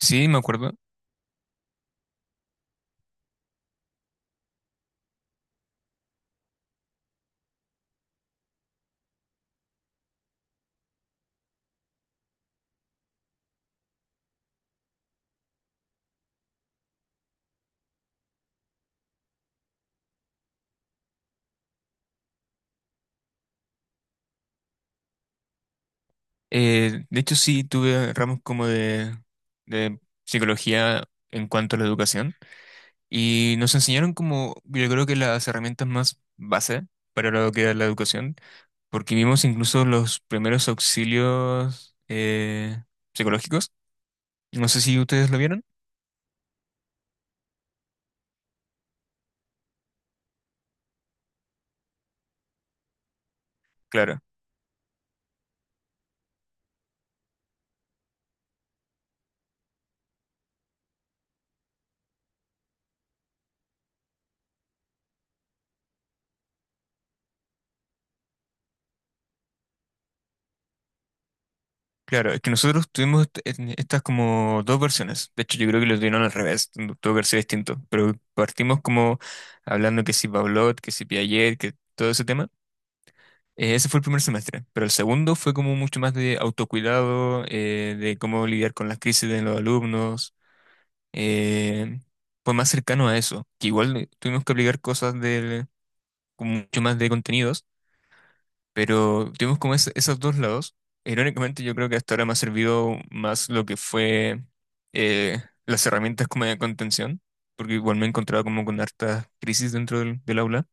Sí, me acuerdo. De hecho, sí, tuve ramos como de psicología en cuanto a la educación y nos enseñaron como, yo creo que las herramientas más base para lo que es la educación, porque vimos incluso los primeros auxilios psicológicos. No sé si ustedes lo vieron. Claro. Claro, es que nosotros tuvimos en estas como dos versiones. De hecho, yo creo que lo tuvieron al revés, tuvo que haber sido distinto. Pero partimos como hablando que si Pavlov, que si Piaget, que todo ese tema. Ese fue el primer semestre. Pero el segundo fue como mucho más de autocuidado, de cómo lidiar con las crisis de los alumnos. eh, Fue más cercano a eso. Que igual tuvimos que aplicar cosas del, con mucho más de contenidos, pero tuvimos como esos dos lados. Irónicamente, yo creo que hasta ahora me ha servido más lo que fue las herramientas como de contención, porque igual me he encontrado como con hartas crisis dentro del aula.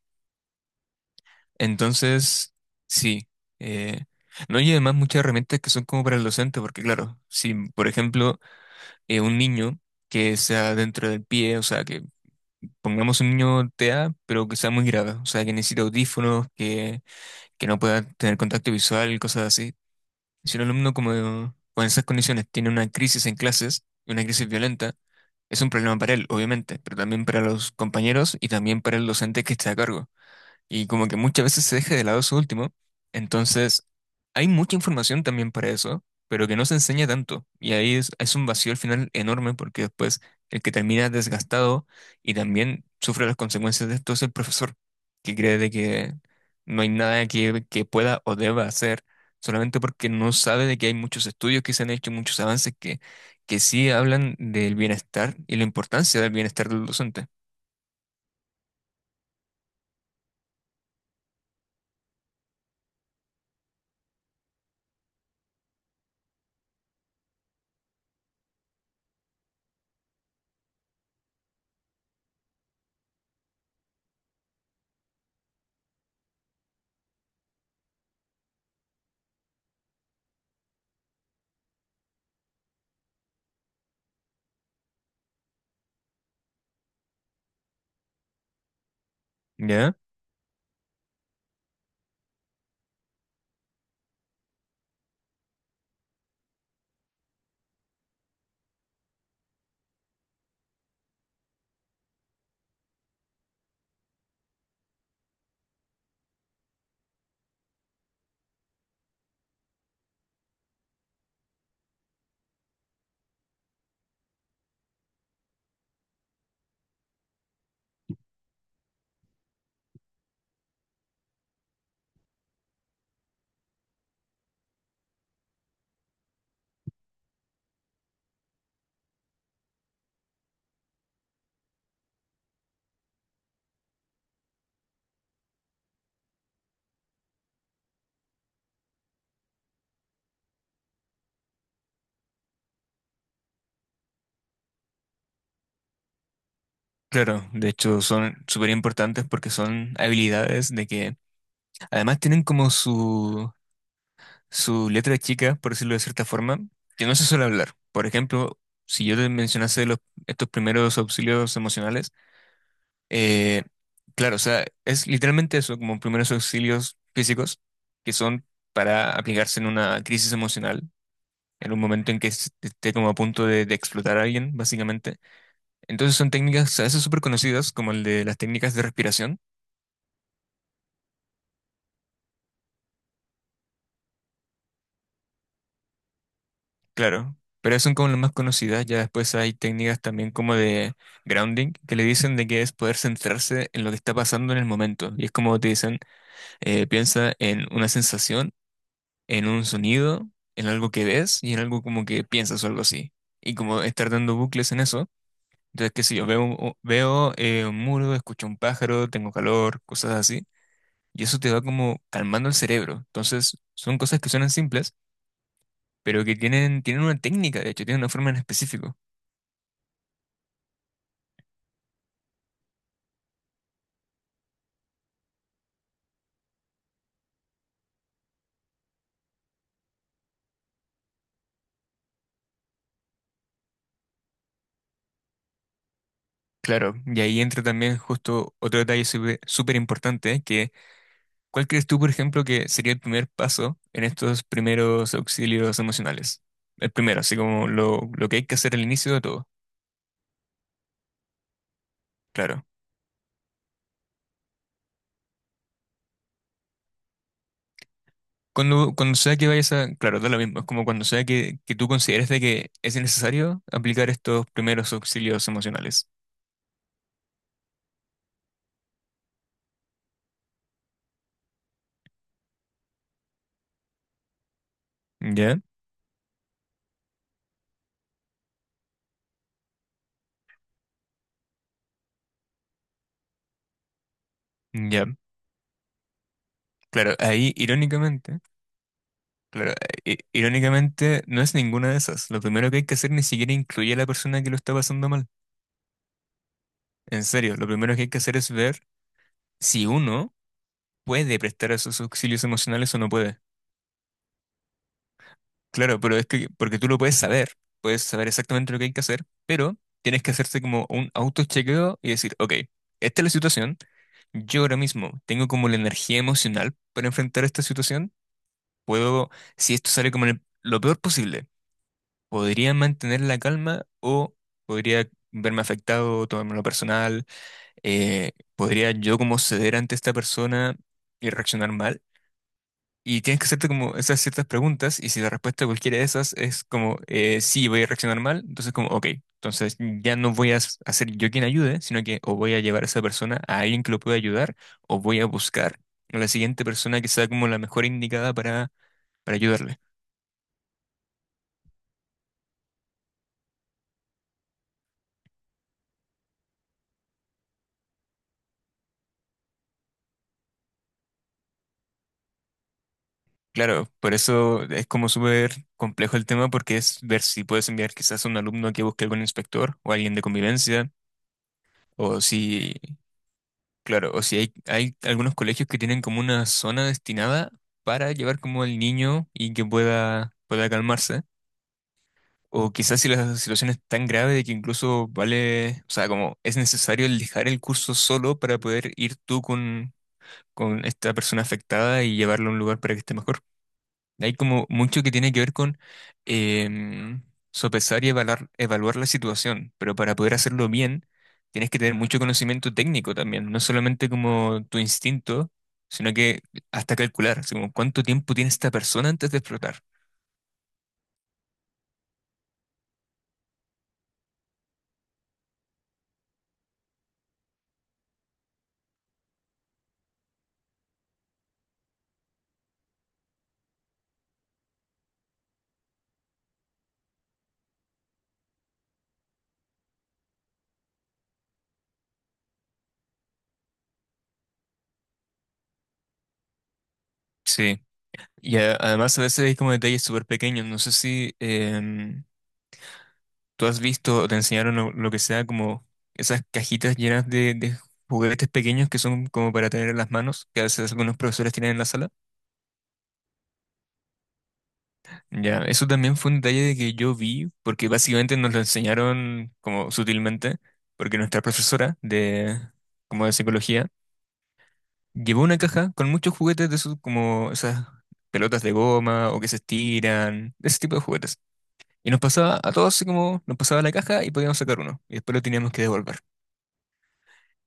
Entonces, sí. eh, no, y además muchas herramientas que son como para el docente, porque claro, si por ejemplo un niño que sea dentro del pie, o sea, que pongamos un niño TEA, pero que sea muy grave, o sea, que necesite audífonos, que no pueda tener contacto visual, cosas así. Si un alumno como con esas condiciones tiene una crisis en clases, una crisis violenta, es un problema para él, obviamente, pero también para los compañeros y también para el docente que está a cargo, y como que muchas veces se deja de lado eso último. Entonces, hay mucha información también para eso, pero que no se enseña tanto. Y ahí es un vacío al final enorme porque después el que termina desgastado y también sufre las consecuencias de esto es el profesor, que cree de que no hay nada que pueda o deba hacer. Solamente porque no sabe de que hay muchos estudios que se han hecho, muchos avances que sí hablan del bienestar y la importancia del bienestar del docente. ¿Ya? Claro, de hecho son súper importantes porque son habilidades de que además tienen como su letra chica, por decirlo de cierta forma, que no se suele hablar. Por ejemplo, si yo te mencionase los, estos primeros auxilios emocionales, eh, claro, o sea, es literalmente eso, como primeros auxilios físicos que son para aplicarse en una crisis emocional, en un momento en que esté como a punto de explotar a alguien, básicamente. Entonces son técnicas a veces súper conocidas, como el de las técnicas de respiración. Claro, pero son como las más conocidas. Ya después hay técnicas también como de grounding, que le dicen de que es poder centrarse en lo que está pasando en el momento. Y es como te dicen, piensa en una sensación, en un sonido, en algo que ves y en algo como que piensas o algo así. Y como estar dando bucles en eso. Entonces, qué sé yo, veo un muro, escucho un pájaro, tengo calor, cosas así. Y eso te va como calmando el cerebro. Entonces, son cosas que suenan simples, pero que tienen una técnica, de hecho, tienen una forma en específico. Claro, y ahí entra también justo otro detalle súper súper importante, que ¿cuál crees tú, por ejemplo, que sería el primer paso en estos primeros auxilios emocionales? El primero, así como lo que hay que hacer al inicio de todo. Claro. Cuando sea que vayas a... Claro, da lo mismo, es como cuando sea que tú consideres de que es necesario aplicar estos primeros auxilios emocionales. ¿Ya? Ya. Claro, ahí irónicamente... Claro, irónicamente no es ninguna de esas. Lo primero que hay que hacer ni siquiera incluye a la persona que lo está pasando mal. En serio, lo primero que hay que hacer es ver si uno puede prestar esos auxilios emocionales o no puede. Claro, pero es que, porque tú lo puedes saber exactamente lo que hay que hacer, pero tienes que hacerte como un autochequeo y decir, ok, esta es la situación, yo ahora mismo tengo como la energía emocional para enfrentar esta situación, puedo, si esto sale como lo peor posible, podría mantener la calma o podría verme afectado, tomármelo personal. ¿Podría yo como ceder ante esta persona y reaccionar mal? Y tienes que hacerte como esas ciertas preguntas y si la respuesta a cualquiera de esas es como sí, voy a reaccionar mal, entonces como ok, entonces ya no voy a a ser yo quien ayude, sino que o voy a llevar a esa persona a alguien que lo pueda ayudar o voy a buscar a la siguiente persona que sea como la mejor indicada para ayudarle. Claro, por eso es como súper complejo el tema porque es ver si puedes enviar quizás a un alumno que busque algún inspector o alguien de convivencia o si... Claro, o si hay algunos colegios que tienen como una zona destinada para llevar como al niño y que pueda calmarse. O quizás si la situación es tan grave de que incluso vale, o sea, como es necesario el dejar el curso solo para poder ir tú con esta persona afectada y llevarlo a un lugar para que esté mejor. Hay como mucho que tiene que ver con em, sopesar y evaluar, evaluar la situación, pero para poder hacerlo bien tienes que tener mucho conocimiento técnico también, no solamente como tu instinto, sino que hasta calcular, así como cuánto tiempo tiene esta persona antes de explotar. Sí, y además a veces hay como detalles súper pequeños, no sé si tú has visto o te enseñaron lo que sea como esas cajitas llenas de juguetes pequeños que son como para tener en las manos, que a veces algunos profesores tienen en la sala. Ya, eso también fue un detalle de que yo vi, porque básicamente nos lo enseñaron como sutilmente, porque nuestra profesora de como de psicología llevó una caja con muchos juguetes de esos como esas pelotas de goma o que se estiran, de ese tipo de juguetes. Y nos pasaba a todos así como nos pasaba la caja y podíamos sacar uno y después lo teníamos que devolver.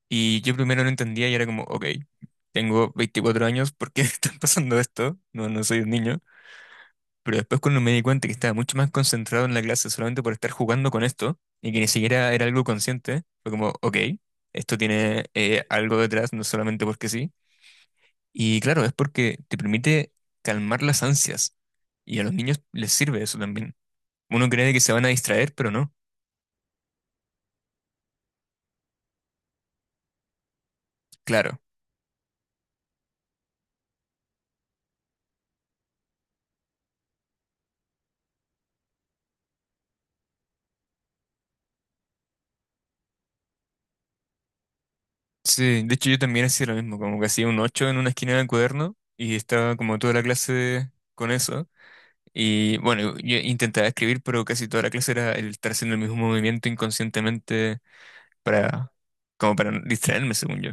Y yo primero no entendía y era como, ok, tengo 24 años, ¿por qué me están pasando esto? No, no soy un niño. Pero después cuando me di cuenta que estaba mucho más concentrado en la clase solamente por estar jugando con esto y que ni siquiera era algo consciente, fue como, ok, esto tiene algo detrás, no solamente porque sí. Y claro, es porque te permite calmar las ansias y a los niños les sirve eso también. Uno cree que se van a distraer, pero no. Claro. Sí, de hecho yo también hacía lo mismo, como que hacía un 8 en una esquina del cuaderno y estaba como toda la clase con eso. Y bueno, yo intentaba escribir, pero casi toda la clase era el estar haciendo el mismo movimiento inconscientemente para, como para no distraerme, según yo.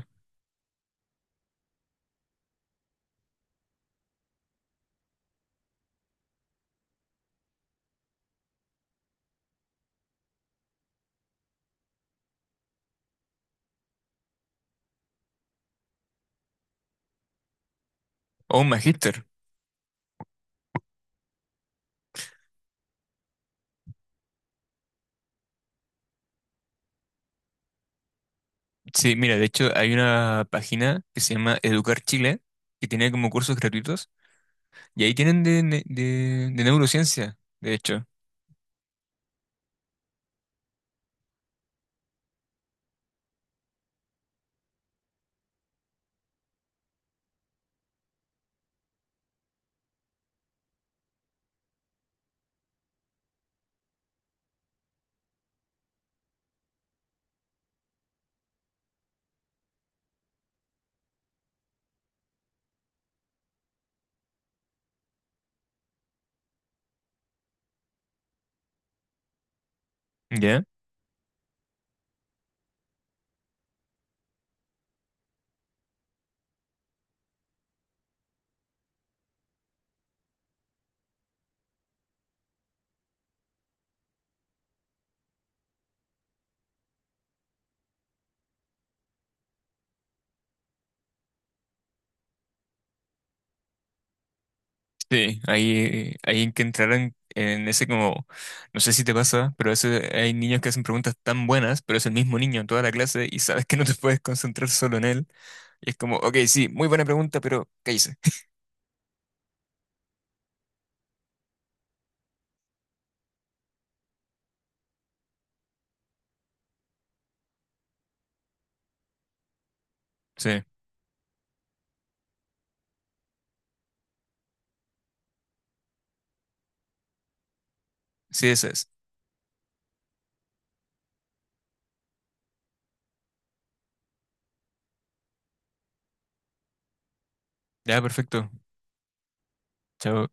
O un magíster. Sí, mira, de hecho hay una página que se llama Educar Chile, que tiene como cursos gratuitos, y ahí tienen de neurociencia, de hecho. ¿Ya? Sí, ahí hay que entrar en ese como, no sé si te pasa, pero a veces hay niños que hacen preguntas tan buenas, pero es el mismo niño en toda la clase y sabes que no te puedes concentrar solo en él. Y es como, ok, sí, muy buena pregunta, pero ¿qué hice? Sí, sí, esa es. Ya, perfecto. Chao.